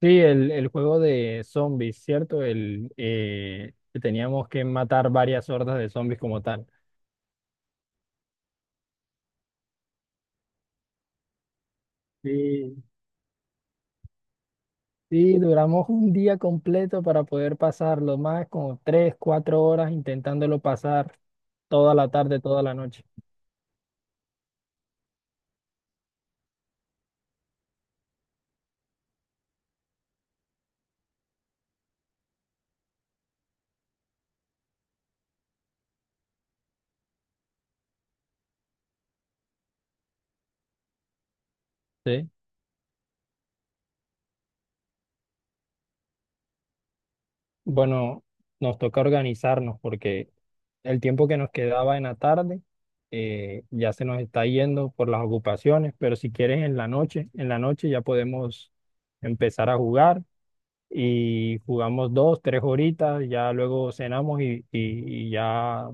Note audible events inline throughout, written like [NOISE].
Sí, el juego de zombies, ¿cierto? El que teníamos que matar varias hordas de zombies como tal. Sí, sí, duramos un día completo para poder pasarlo, más como 3, 4 horas intentándolo pasar toda la tarde, toda la noche. Sí. Bueno, nos toca organizarnos porque el tiempo que nos quedaba en la tarde ya se nos está yendo por las ocupaciones, pero si quieres en la noche ya podemos empezar a jugar y jugamos 2, 3 horitas, ya luego cenamos y ya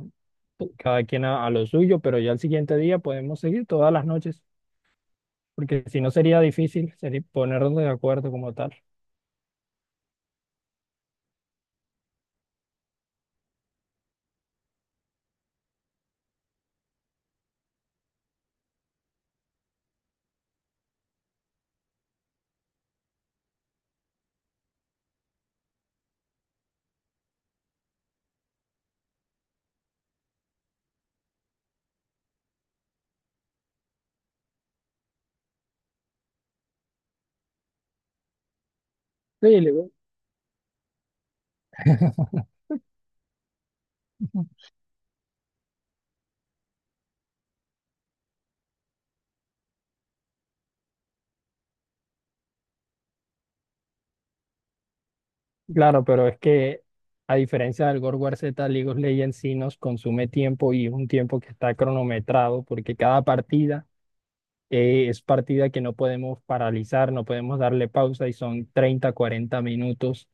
cada quien a lo suyo, pero ya el siguiente día podemos seguir todas las noches, porque si no sería difícil, sería ponernos de acuerdo como tal. Sí, claro, pero es que a diferencia del God of War Z, League of Legends sí nos consume tiempo, y es un tiempo que está cronometrado, porque cada partida, es partida que no podemos paralizar, no podemos darle pausa, y son 30 40 minutos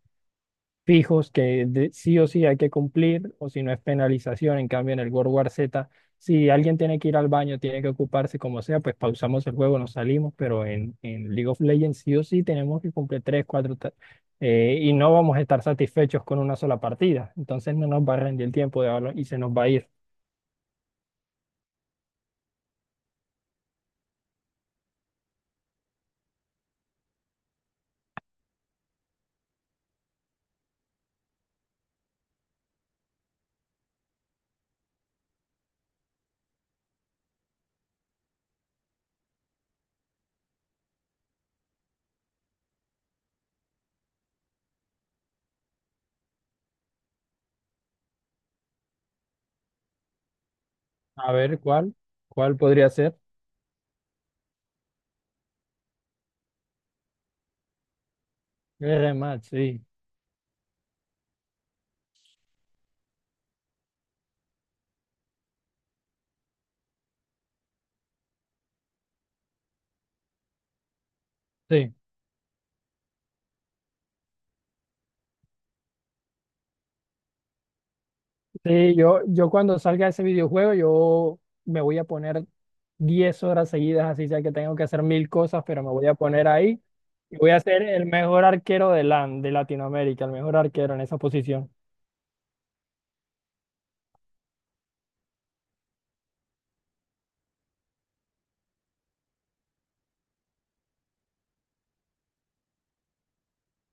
fijos que sí o sí hay que cumplir, o si no es penalización. En cambio, en el World War Z, si alguien tiene que ir al baño, tiene que ocuparse como sea, pues pausamos el juego, nos salimos, pero en League of Legends sí o sí tenemos que cumplir 3, 4, y no vamos a estar satisfechos con una sola partida. Entonces no nos va a rendir el tiempo de hablar y se nos va a ir. A ver, ¿cuál? ¿Cuál podría ser? El rematch, sí, sí. Sí, yo cuando salga ese videojuego, yo me voy a poner 10 horas seguidas, así sea que tengo que hacer mil cosas, pero me voy a poner ahí y voy a ser el mejor arquero de LAN, de Latinoamérica, el mejor arquero en esa posición.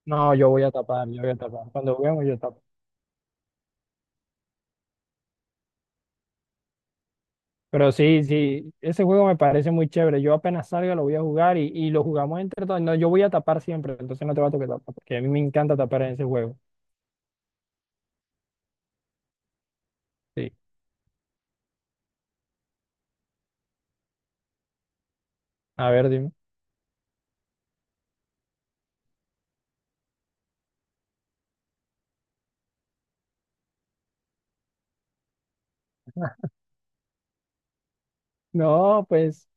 No, yo voy a tapar, yo voy a tapar. Cuando juguemos, yo tapo. Pero sí, sí, ese juego me parece muy chévere. Yo apenas salga lo voy a jugar, y lo jugamos entre todos. No, yo voy a tapar siempre, entonces no te va a tocar tapar, porque a mí me encanta tapar en ese juego. Sí. A ver, dime. No, pues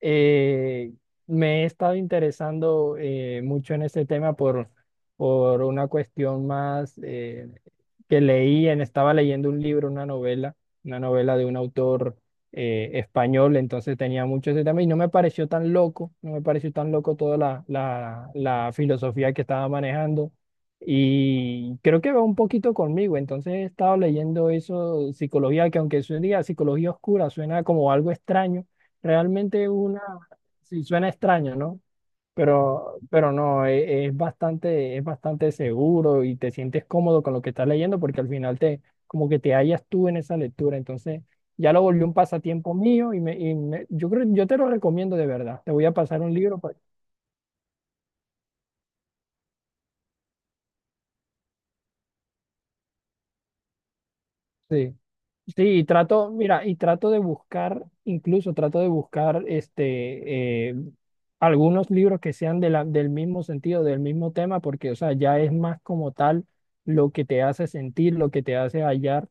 eh, me he estado interesando mucho en este tema por una cuestión más, que leí, estaba leyendo un libro, una novela de un autor español. Entonces tenía mucho ese tema y no me pareció tan loco, no me pareció tan loco toda la filosofía que estaba manejando, y creo que va un poquito conmigo. Entonces he estado leyendo eso, psicología, que aunque suena psicología oscura, suena como algo extraño. Realmente una, sí, suena extraño, ¿no? Pero no, es bastante seguro y te sientes cómodo con lo que estás leyendo, porque al final como que te hallas tú en esa lectura. Entonces ya lo volvió un pasatiempo mío, yo creo, yo te lo recomiendo de verdad. Te voy a pasar un libro. Sí, sí, mira, y trato de buscar, incluso trato de buscar algunos libros que sean del mismo sentido, del mismo tema, porque, o sea, ya es más como tal lo que te hace sentir, lo que te hace hallar.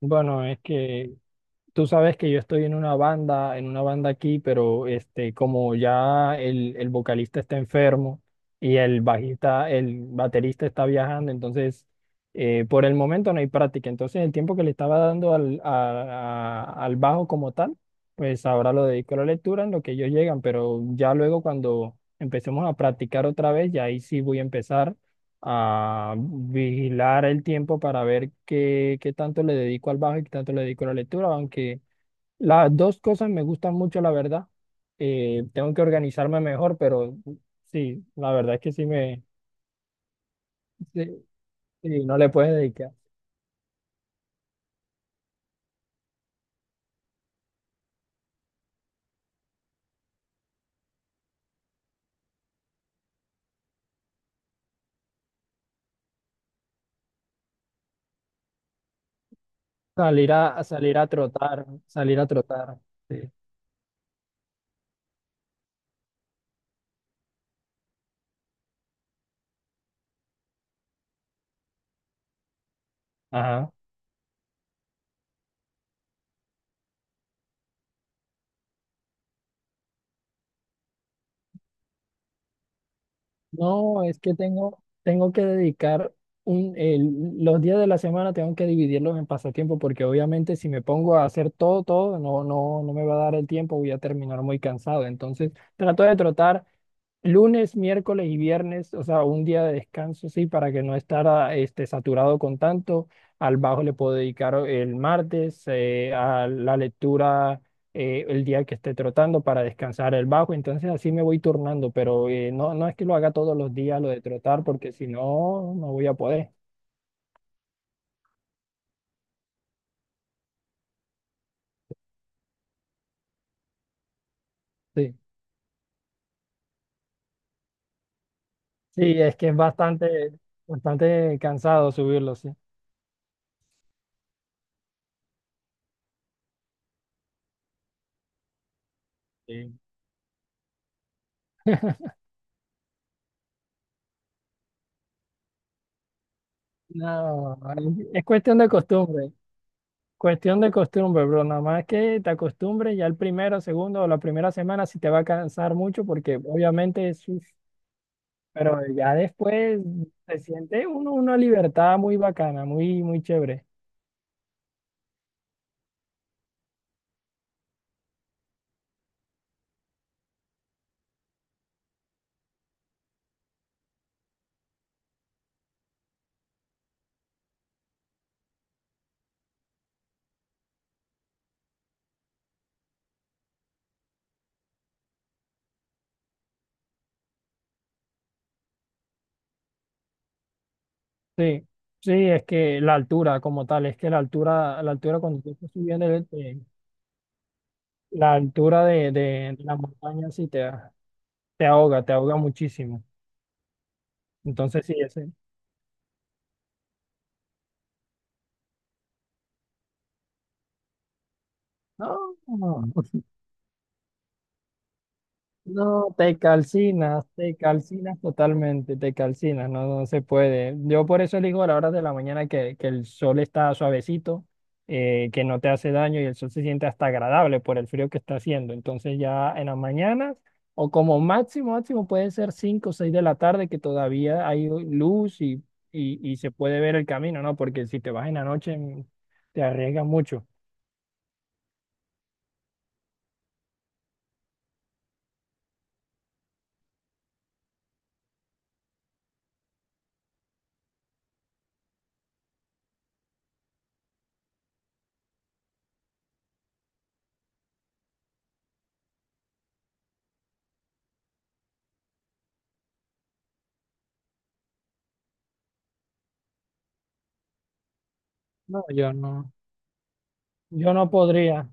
Bueno, es que tú sabes que yo estoy en una banda aquí, pero como ya el vocalista está enfermo y el bajista, el baterista está viajando, entonces por el momento no hay práctica. Entonces el tiempo que le estaba dando al bajo como tal, pues ahora lo dedico a la lectura en lo que ellos llegan, pero ya luego cuando empecemos a practicar otra vez, ya ahí sí voy a empezar a vigilar el tiempo para ver qué, qué tanto le dedico al bajo y qué tanto le dedico a la lectura, aunque las dos cosas me gustan mucho, la verdad. Tengo que organizarme mejor, pero sí, la verdad es que sí, sí, no le puedes dedicar. Salir a salir a trotar, salir a trotar. Sí. Ajá. No, es que tengo que dedicar los días de la semana, tengo que dividirlos en pasatiempo, porque obviamente si me pongo a hacer todo, todo, no, no, no me va a dar el tiempo, voy a terminar muy cansado. Entonces, trato de trotar. Lunes, miércoles y viernes, o sea, un día de descanso, sí, para que no estar, saturado con tanto. Al bajo le puedo dedicar el martes, a la lectura el día que esté trotando, para descansar el bajo. Entonces así me voy turnando, pero no, no es que lo haga todos los días lo de trotar, porque si no, no voy a poder. Sí, sí, es que es bastante, bastante cansado subirlo, sí. Sí. No, es cuestión de costumbre. Cuestión de costumbre, bro. Nada más que te acostumbres, ya el primero, segundo o la primera semana, si te va a cansar mucho porque obviamente es uf. Pero ya después se siente uno una libertad muy bacana, muy, muy chévere. Sí, sí, es que la altura como tal, es que la altura cuando tú estás subiendo, la altura de la montaña sí te ahoga muchísimo. Entonces sí, ese. No, no. No. No, te calcinas totalmente, te calcinas, no, no se puede. Yo por eso elijo a las horas de la mañana, que el sol está suavecito, que no te hace daño y el sol se siente hasta agradable por el frío que está haciendo. Entonces ya en las mañanas, o como máximo, máximo puede ser 5 o 6 de la tarde que todavía hay luz, y se puede ver el camino, ¿no? Porque si te vas en la noche te arriesgas mucho. No, yo no, yo no podría.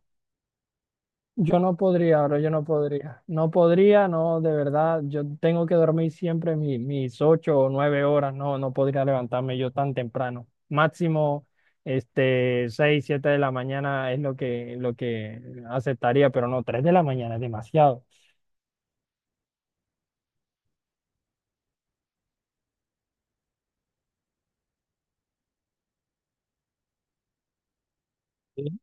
Yo no podría, ahora yo no podría. No podría, no, de verdad. Yo tengo que dormir siempre mis 8 o 9 horas. No, no podría levantarme yo tan temprano. Máximo, 6, 7 de la mañana es lo que aceptaría, pero no, 3 de la mañana es demasiado. Sí.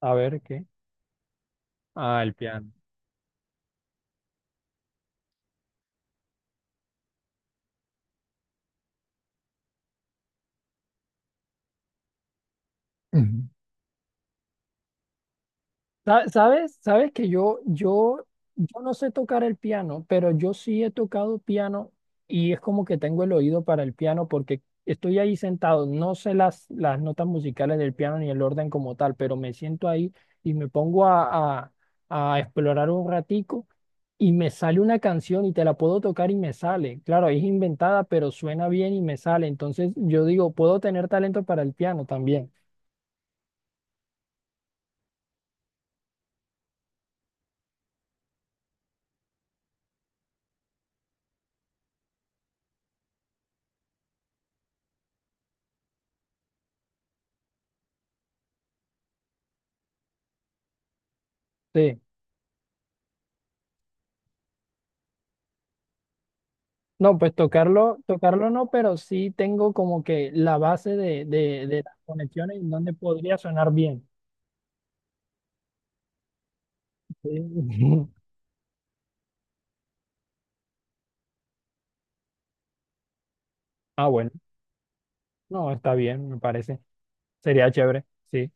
A ver qué. Ah, el piano. ¿Sabes? ¿Sabes que yo no sé tocar el piano, pero yo sí he tocado piano, y es como que tengo el oído para el piano porque estoy ahí sentado, no sé las notas musicales del piano ni el orden como tal, pero me siento ahí y me pongo a explorar un ratico y me sale una canción y te la puedo tocar y me sale? Claro, es inventada, pero suena bien y me sale. Entonces yo digo, puedo tener talento para el piano también. Sí. No, pues tocarlo, tocarlo no, pero sí tengo como que la base de las conexiones en donde podría sonar bien. Sí. [LAUGHS] Ah, bueno, no, está bien, me parece. Sería chévere, sí.